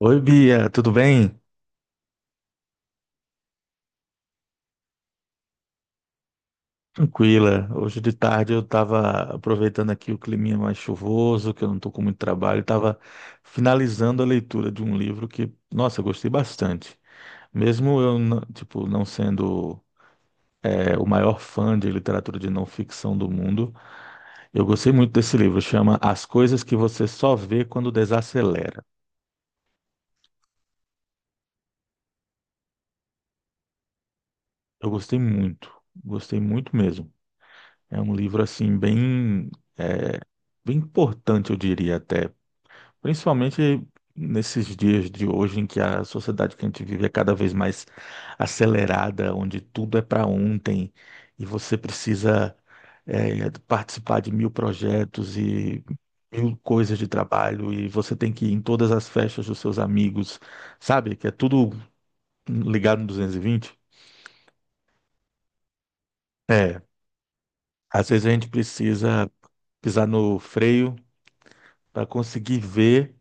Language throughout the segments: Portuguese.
Oi, Bia, tudo bem? Tranquila. Hoje de tarde eu estava aproveitando aqui o climinha mais chuvoso, que eu não estou com muito trabalho, estava finalizando a leitura de um livro que, nossa, eu gostei bastante. Mesmo eu, não sendo o maior fã de literatura de não ficção do mundo, eu gostei muito desse livro. Chama As Coisas que Você Só Vê Quando Desacelera. Eu gostei muito mesmo. É um livro assim bem, bem importante, eu diria até. Principalmente nesses dias de hoje, em que a sociedade que a gente vive é cada vez mais acelerada, onde tudo é para ontem e você precisa participar de mil projetos e mil coisas de trabalho, e você tem que ir em todas as festas dos seus amigos, sabe? Que é tudo ligado no 220. É, às vezes a gente precisa pisar no freio para conseguir ver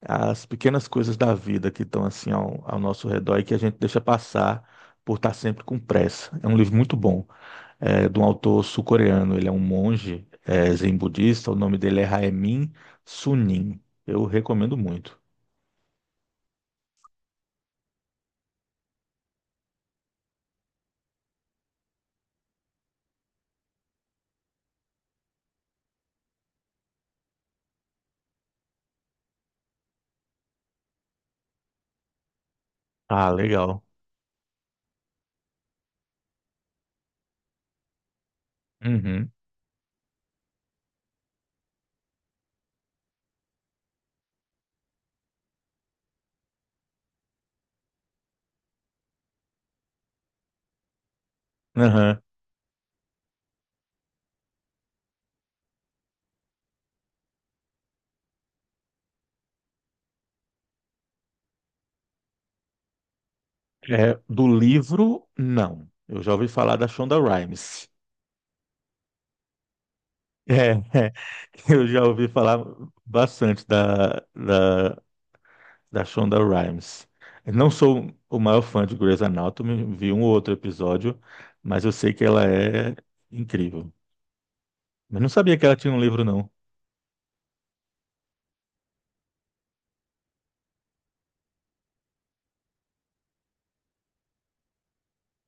as pequenas coisas da vida que estão assim ao nosso redor e que a gente deixa passar por estar sempre com pressa. É um livro muito bom, é, de um autor sul-coreano. Ele é um monge, é, zen budista. O nome dele é Haemin Sunim. Eu recomendo muito. Ah, legal. Uhum. Aham. É, do livro, não. Eu já ouvi falar da Shonda Rhimes. É, é. Eu já ouvi falar bastante da da Shonda Rhimes. Eu não sou o maior fã de Grey's Anatomy, vi um ou outro episódio, mas eu sei que ela é incrível. Mas não sabia que ela tinha um livro, não.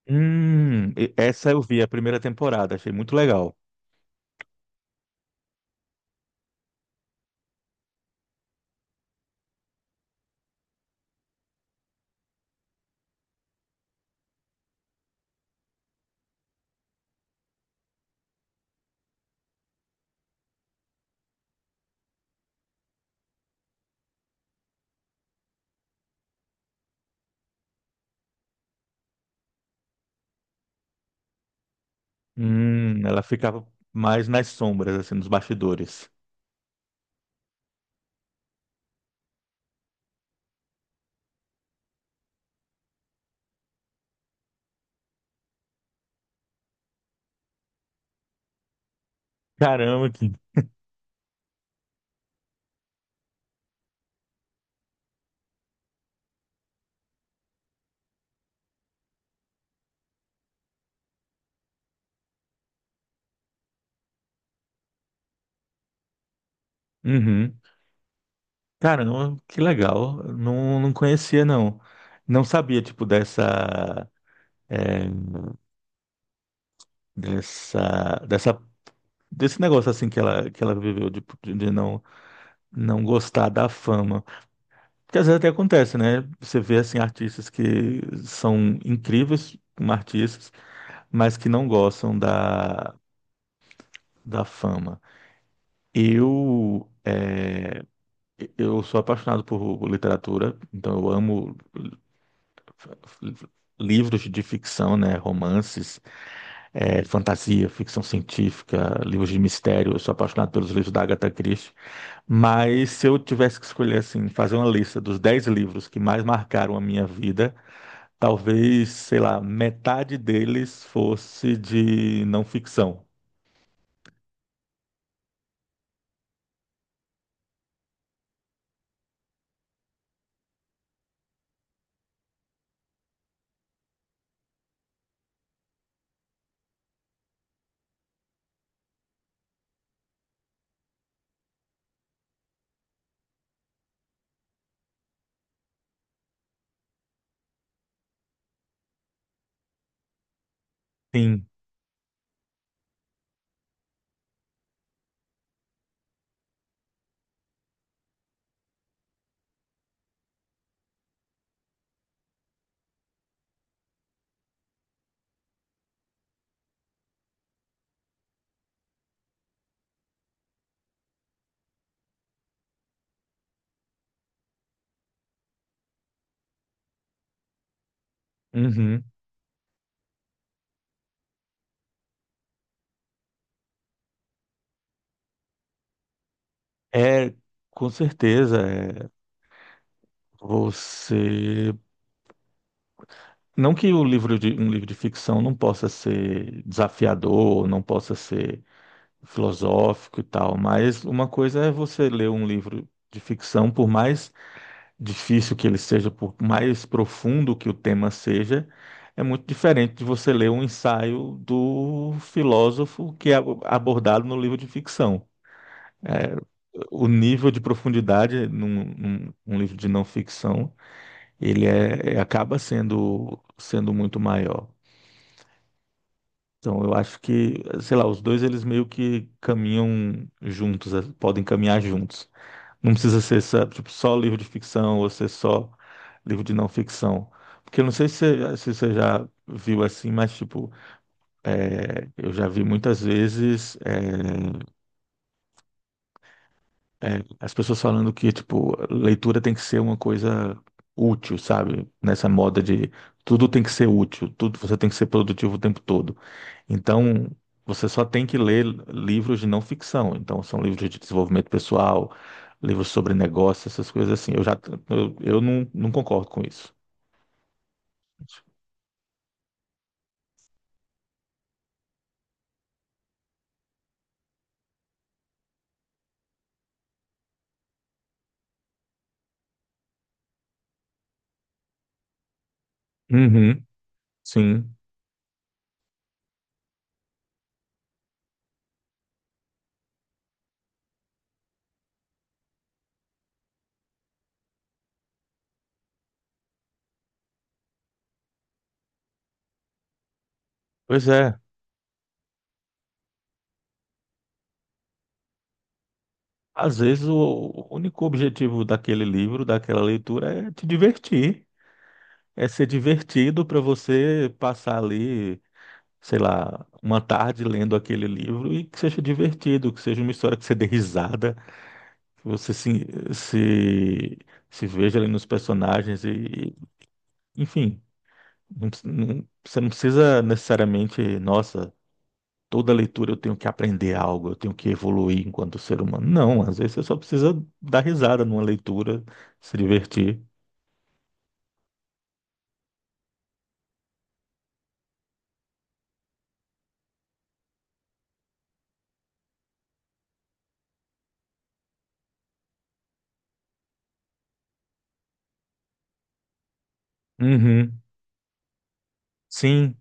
Essa eu vi a primeira temporada, achei muito legal. Ela ficava mais nas sombras, assim, nos bastidores. Caramba, que... Uhum. Caramba, que legal. Não, não conhecia, não. Não sabia, tipo, dessa, é, dessa desse negócio assim que ela viveu de não não gostar da fama. Porque às vezes até acontece, né? Você vê assim artistas que são incríveis como artistas, mas que não gostam da fama. Eu é, eu sou apaixonado por literatura, então eu amo livros de ficção, né, romances, fantasia, ficção científica, livros de mistério. Eu sou apaixonado pelos livros da Agatha Christie. Mas se eu tivesse que escolher assim, fazer uma lista dos 10 livros que mais marcaram a minha vida, talvez, sei lá, metade deles fosse de não ficção. Sim. Uhum. É, com certeza, é, você. Não que o livro de, um livro de ficção não possa ser desafiador, não possa ser filosófico e tal, mas uma coisa é você ler um livro de ficção, por mais difícil que ele seja, por mais profundo que o tema seja, é muito diferente de você ler um ensaio do filósofo que é abordado no livro de ficção. O nível de profundidade num livro de não ficção, ele é, acaba sendo muito maior. Então, eu acho que, sei lá, os dois eles meio que caminham juntos, podem caminhar juntos. Não precisa ser, sabe, tipo, só livro de ficção ou ser só livro de não ficção. Porque eu não sei se você já viu assim, mas tipo, é, eu já vi muitas vezes é, as pessoas falando que, tipo, leitura tem que ser uma coisa útil, sabe? Nessa moda de tudo tem que ser útil, tudo você tem que ser produtivo o tempo todo. Então, você só tem que ler livros de não ficção. Então, são livros de desenvolvimento pessoal, livros sobre negócio, essas coisas assim. Eu não, não concordo com isso. Uhum, sim. Pois é. Às vezes, o único objetivo daquele livro, daquela leitura, é te divertir. É ser divertido para você passar ali, sei lá, uma tarde lendo aquele livro e que seja divertido, que seja uma história que você dê risada, que você se, se veja ali nos personagens e, enfim, você não precisa necessariamente, nossa, toda leitura eu tenho que aprender algo, eu tenho que evoluir enquanto ser humano. Não, às vezes você só precisa dar risada numa leitura, se divertir. Uhum. Sim.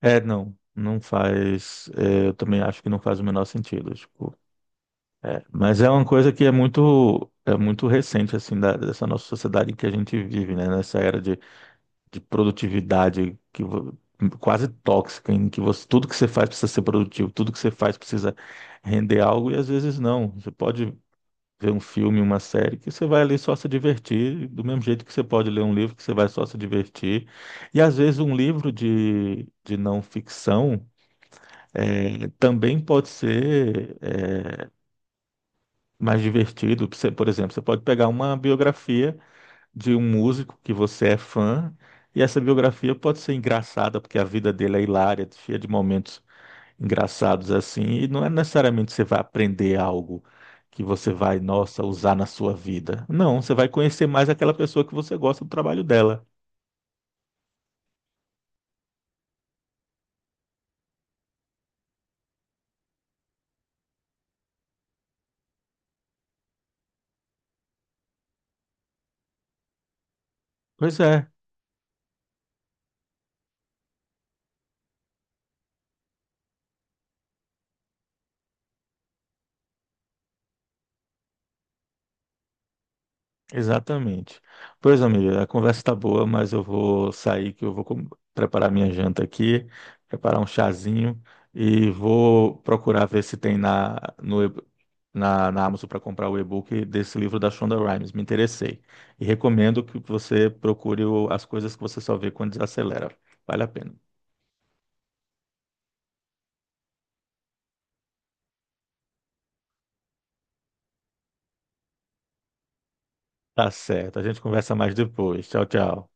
É, não, não faz. É, eu também acho que não faz o menor sentido, tipo, é. Mas é uma coisa que é muito recente, assim, dessa nossa sociedade em que a gente vive, né? Nessa era de produtividade quase tóxica, em que você, tudo que você faz precisa ser produtivo, tudo que você faz precisa render algo e às vezes não. Você pode ver um filme, uma série que você vai ali só se divertir, do mesmo jeito que você pode ler um livro que você vai só se divertir. E às vezes um livro de não ficção é, também pode ser é, mais divertido. Você... Por exemplo, você pode pegar uma biografia de um músico que você é fã, e essa biografia pode ser engraçada, porque a vida dele é hilária, cheia de momentos engraçados assim, e não é necessariamente você vai aprender algo que você vai, nossa, usar na sua vida. Não, você vai conhecer mais aquela pessoa que você gosta do trabalho dela. Pois é. Exatamente. Pois, amiga, a conversa está boa, mas eu vou sair que preparar minha janta aqui, preparar um chazinho e vou procurar ver se tem na, no, e- na, na Amazon para comprar o e-book desse livro da Shonda Rhimes. Me interessei. E recomendo que você procure as coisas que você só vê quando desacelera. Vale a pena. Tá certo. A gente conversa mais depois. Tchau, tchau.